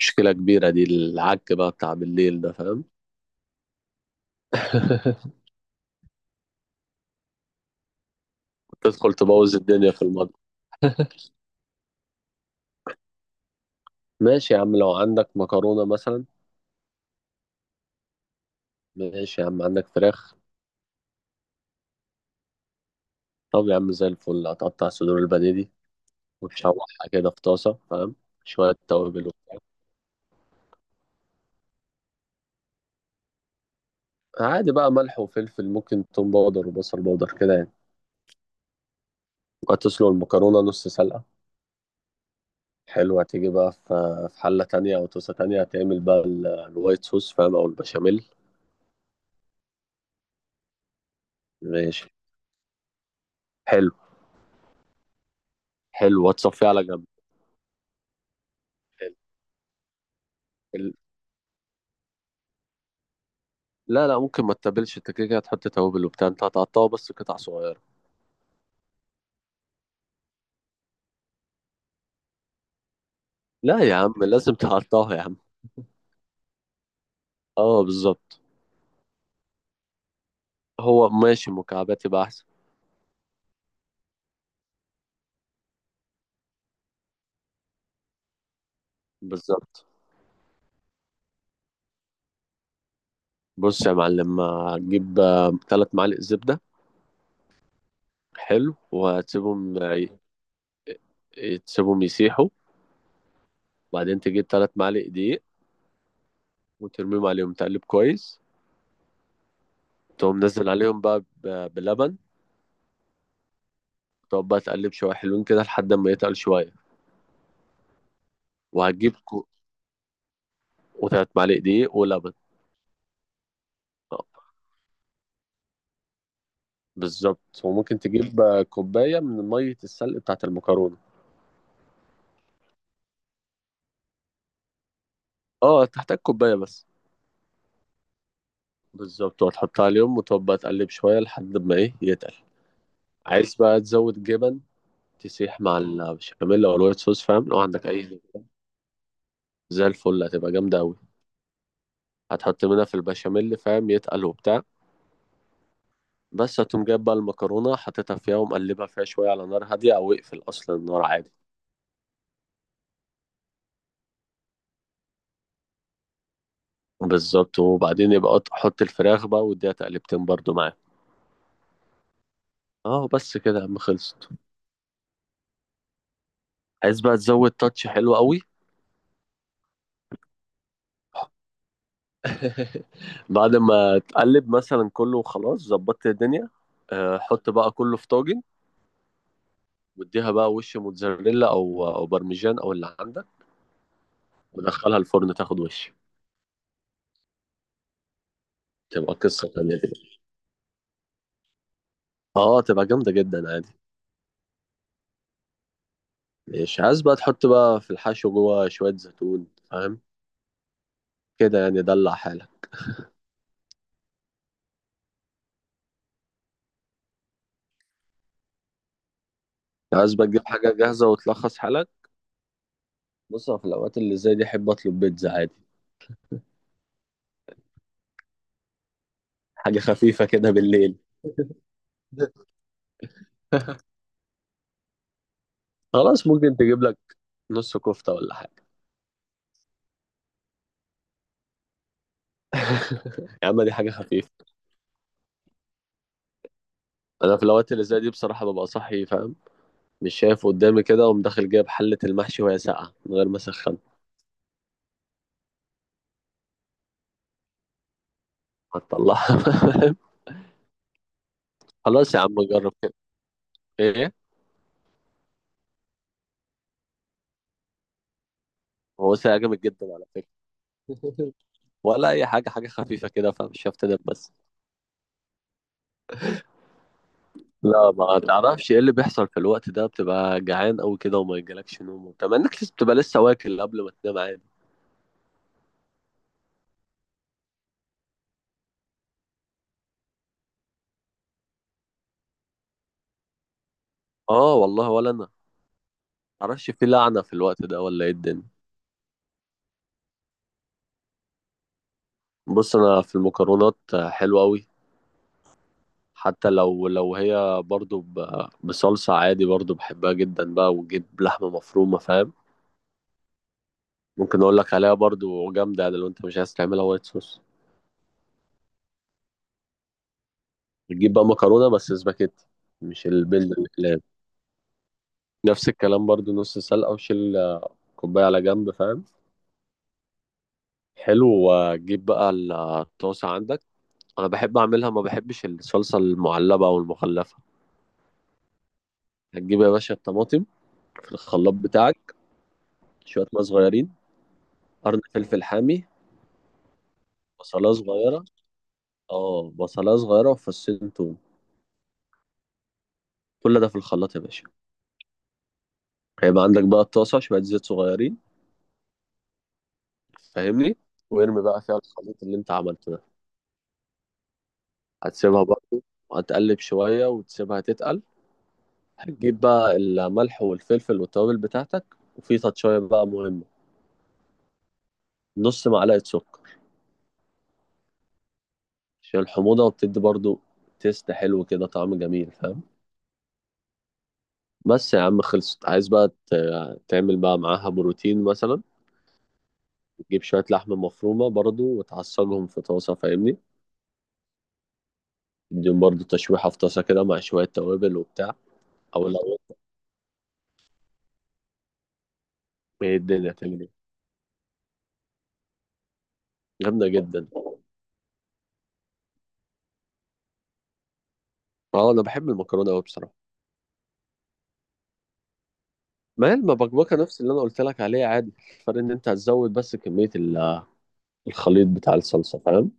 مشكلة كبيرة دي، العك بقى بتاع بالليل ده، فاهم؟ تدخل تبوظ الدنيا في المطبخ. ماشي يا عم، لو عندك مكرونة مثلا. ماشي يا عم، عندك فراخ؟ طب يا عم، زي الفل، هتقطع صدور البانيه دي وتشوحها كده في طاسة، فاهم؟ شوية توابل وبتاع. عادي بقى، ملح وفلفل، ممكن توم باودر وبصل باودر كده يعني. وهتسلق المكرونة نص سلقة. حلوة، تيجي بقى في حلة تانية أو طاسة تانية، هتعمل بقى الوايت صوص، فاهم؟ أو البشاميل. ماشي. حلو. حلو، وتصفيه على جنب. حلو. لا لا، ممكن ما تتبلش، انت كده كده هتحط توابل وبتاع، انت هتقطعه بس قطع صغيرة. لا يا عم، لازم تقطعه يا عم. اه، بالظبط. هو ماشي، مكعبات يبقى احسن. بالظبط. بص يا معلم، هتجيب 3 معالق زبدة. حلو، وهتسيبهم تسيبهم يسيحوا. وبعدين تجيب 3 معالق دقيق، وترميهم عليهم، تقلب كويس. تقوم نزل عليهم بقى بلبن. تقعد بقى تقلب شوية، حلوين كده، لحد ما يتقل شوية. وهتجيب و3 معالق دقيق ولبن. بالظبط، وممكن تجيب كوباية من مية السلق بتاعة المكرونة. اه، تحتاج كوباية بس. بالظبط، وتحطها عليهم وتبقى تقلب شوية لحد ما ايه يتقل. عايز بقى تزود جبن، تسيح مع البشاميل او الوايت صوص، فاهم، لو عندك اي. زي الفل، هتبقى جامدة اوي. هتحط منها في البشاميل، فاهم، يتقل وبتاع. بس هتقوم جايب بقى المكرونة، حاططها فيها ومقلبها فيها شوية على نار هادية، او اقفل اصلا النار عادي. بالظبط، وبعدين يبقى حط الفراخ بقى واديها تقلبتين برضو معاه. اه بس كده يا عم، خلصت. عايز بقى تزود تاتش، حلو قوي. بعد ما تقلب مثلا كله، خلاص ظبطت الدنيا. حط بقى كله في طاجن، واديها بقى وش موتزاريلا او بارميجان او اللي عندك، ودخلها الفرن تاخد وش. تبقى قصة تانية دي. اه، تبقى جامدة جدا عادي. مش عايز بقى تحط بقى في الحشو جوه شوية زيتون، فاهم؟ كده يعني، دلع حالك. عايز بقى تجيب حاجة جاهزة وتلخص حالك. بص، أنا في الأوقات اللي زي دي أحب أطلب بيتزا عادي. حاجة خفيفة كده بالليل. خلاص، ممكن تجيب لك نص كفتة ولا حاجة. يا عم، دي حاجة خفيفة. أنا في الأوقات اللي زي دي بصراحة ببقى صاحي، فاهم؟ مش شايف قدامي كده، وأقوم داخل جايب حلة المحشي وهي ساقعة من غير ما أسخن. هتطلعها؟ خلاص يا عم، جرب كده. إيه؟ هو ساقع جامد جدا على فكرة. ولا أي حاجة، حاجة خفيفة كده، فاهم؟ مش هفتدى بس. لا، ما تعرفش إيه اللي بيحصل في الوقت ده، بتبقى جعان أوي كده وما يجيلكش نوم وبتاع، مع إنك لسه بتبقى لسه واكل قبل ما تنام عادي. آه والله، ولا أنا. معرفش، في لعنة في الوقت ده ولا إيه الدنيا؟ بص، انا في المكرونات، حلوة قوي. حتى لو هي برضو بصلصة، عادي برضو بحبها جدا بقى، وتجيب لحمة مفرومة، فاهم؟ ممكن اقول لك عليها برضو، جامدة يعني، لو انت مش عايز تعملها وايت صوص. بتجيب بقى مكرونة، بس سباكيتي، مش البيض الاقلام. نفس الكلام برضو، نص سلقة، وشيل كوباية على جنب، فاهم؟ حلو، وتجيب بقى الطاسة عندك. انا بحب اعملها، ما بحبش الصلصة المعلبة او المخلفة. هتجيب يا باشا الطماطم في الخلاط بتاعك، شوية ماء صغيرين، قرن فلفل حامي، بصلاية صغيرة. اه، بصلاية صغيرة وفصين توم. كل ده في الخلاط يا باشا. هيبقى عندك بقى الطاسة، شوية زيت صغيرين، فاهمني، وارمي بقى فيها الخليط اللي انت عملته ده. هتسيبها برضه، وهتقلب شوية وتسيبها تتقل. هتجيب بقى الملح والفلفل والتوابل بتاعتك، وفي تاتشاية بقى مهمة، نص معلقة سكر. عشان الحموضة، وبتدي برضه تيست حلو كده، طعم جميل، فاهم؟ بس يا عم خلصت. عايز بقى تعمل بقى معاها بروتين مثلا، جيب شوية لحمة مفرومة برضو، وتعصجهم في طاسة، فاهمني؟ اديهم برضو تشويحة في طاسة كده، مع شوية توابل وبتاع. أو لو. هي الدنيا تجري، جامدة جدا. اه، أنا بحب المكرونة أوي بصراحة. ما هي المبكبكة نفس اللي أنا قلت لك عليها عادي. الفرق إن أنت هتزود بس كمية الخليط بتاع الصلصة، فاهم؟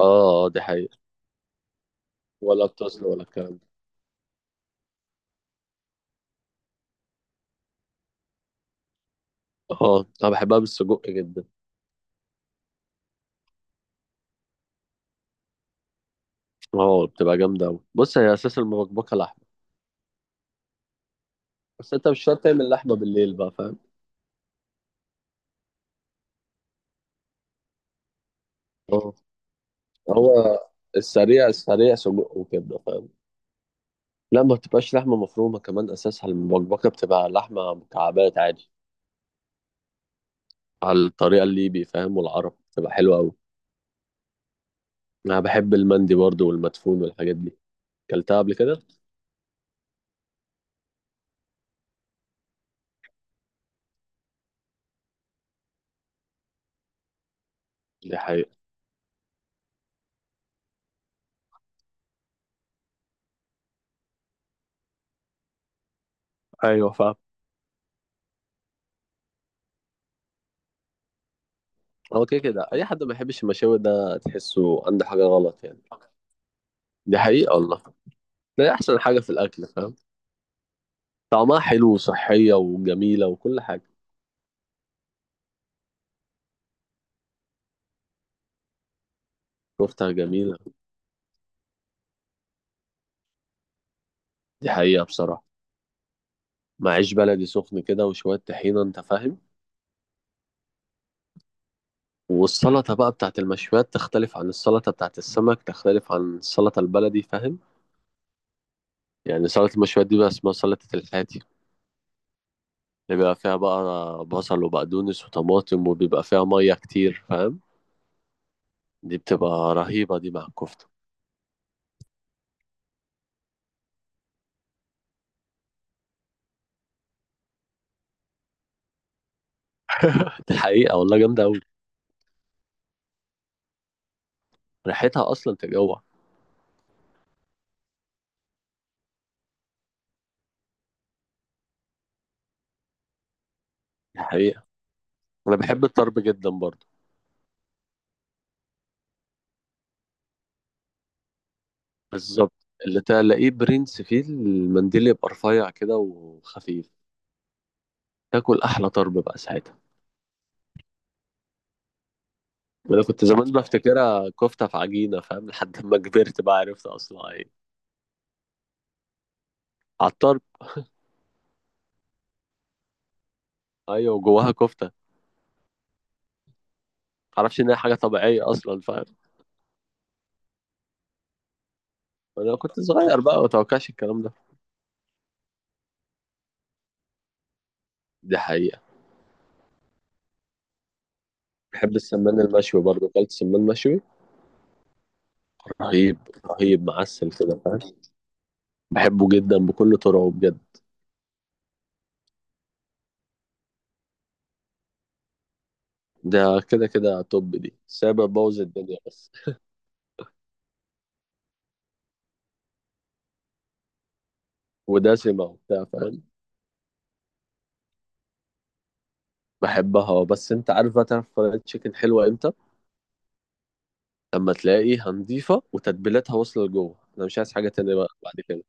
اه. آه، دي حقيقة. ولا بتصل ولا الكلام ده. اه، أنا بحبها بالسجق جدا. اه، بتبقى جامدة أوي، بص هي أساس المبكبكة لحمة. بس أنت مش شرط تعمل لحمة بالليل بقى، فاهم؟ آه. هو السريع السريع، سجق وكبده، فاهم؟ لا، ما بتبقاش لحمه مفرومه كمان، اساسها المبكبكه بتبقى لحمه مكعبات عادي. على الطريقه الليبي، فاهم، والعرب بتبقى حلوه قوي. انا بحب المندي برضو والمدفون والحاجات دي، اكلتها قبل كده. دي حقيقة. ايوه، فاهم. هو كده كده، اي حد ما يحبش المشاوي ده تحسه عنده حاجه غلط يعني. دي حقيقه والله. ده احسن حاجه في الاكل، فاهم؟ طعمها حلو وصحيه وجميله وكل حاجه. كفتها جميله. دي حقيقه بصراحه. مع عيش بلدي سخن كده وشوية طحينة، انت فاهم. والسلطة بقى بتاعت المشويات تختلف عن السلطة بتاعت السمك، تختلف عن السلطة البلدي، فاهم؟ يعني سلطة المشويات دي بقى اسمها سلطة الحاتي، اللي بيبقى فيها بقى بصل وبقدونس وطماطم، وبيبقى فيها مية كتير، فاهم؟ دي بتبقى رهيبة دي مع الكفتة. دي حقيقة والله، جامدة أوي. ريحتها أصلا تجوع. دي حقيقة. أنا بحب الطرب جدا برضه. بالظبط. اللي تلاقيه برنس فيه المنديل، يبقى رفيع كده وخفيف. تاكل أحلى طرب بقى ساعتها. انا كنت زمان بفتكرها كفته في عجينه، فاهم، لحد ما كبرت بقى عرفت اصلا ايه. عطار. ايوه، وجواها كفته. معرفش ان هي حاجه طبيعيه اصلا، فاهم؟ انا كنت صغير بقى، ما اتوقعش الكلام ده. دي حقيقه. بحب السمان المشوي برضه، اكلت سمان مشوي. رهيب. رهيب معسل كده، فاهم؟ بحبه جدا بكل طرقه بجد. ده كده كده توب، دي سابع بوظ الدنيا بس. ودسمه وبتاع، فاهم؟ بحبها، بس انت عارف بقى تعرف فرايد تشيكن حلوه امتى؟ لما تلاقيها نظيفة وتتبيلاتها واصلة لجوه، انا مش عايز حاجة تانية بقى بعد كده.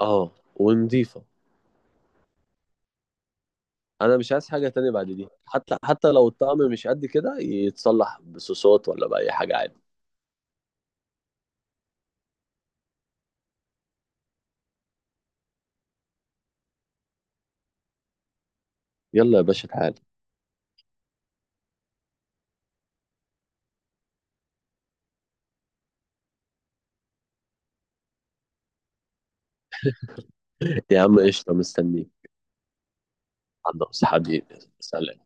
اه، ونضيفة. انا مش عايز حاجة تانية بعد دي، حتى لو الطعم مش قد كده يتصلح بصوصات ولا بأي حاجة عادي. يلا يا باشا تعالى. يا عم قشطة، مستنيك عند أصحابي. سلام.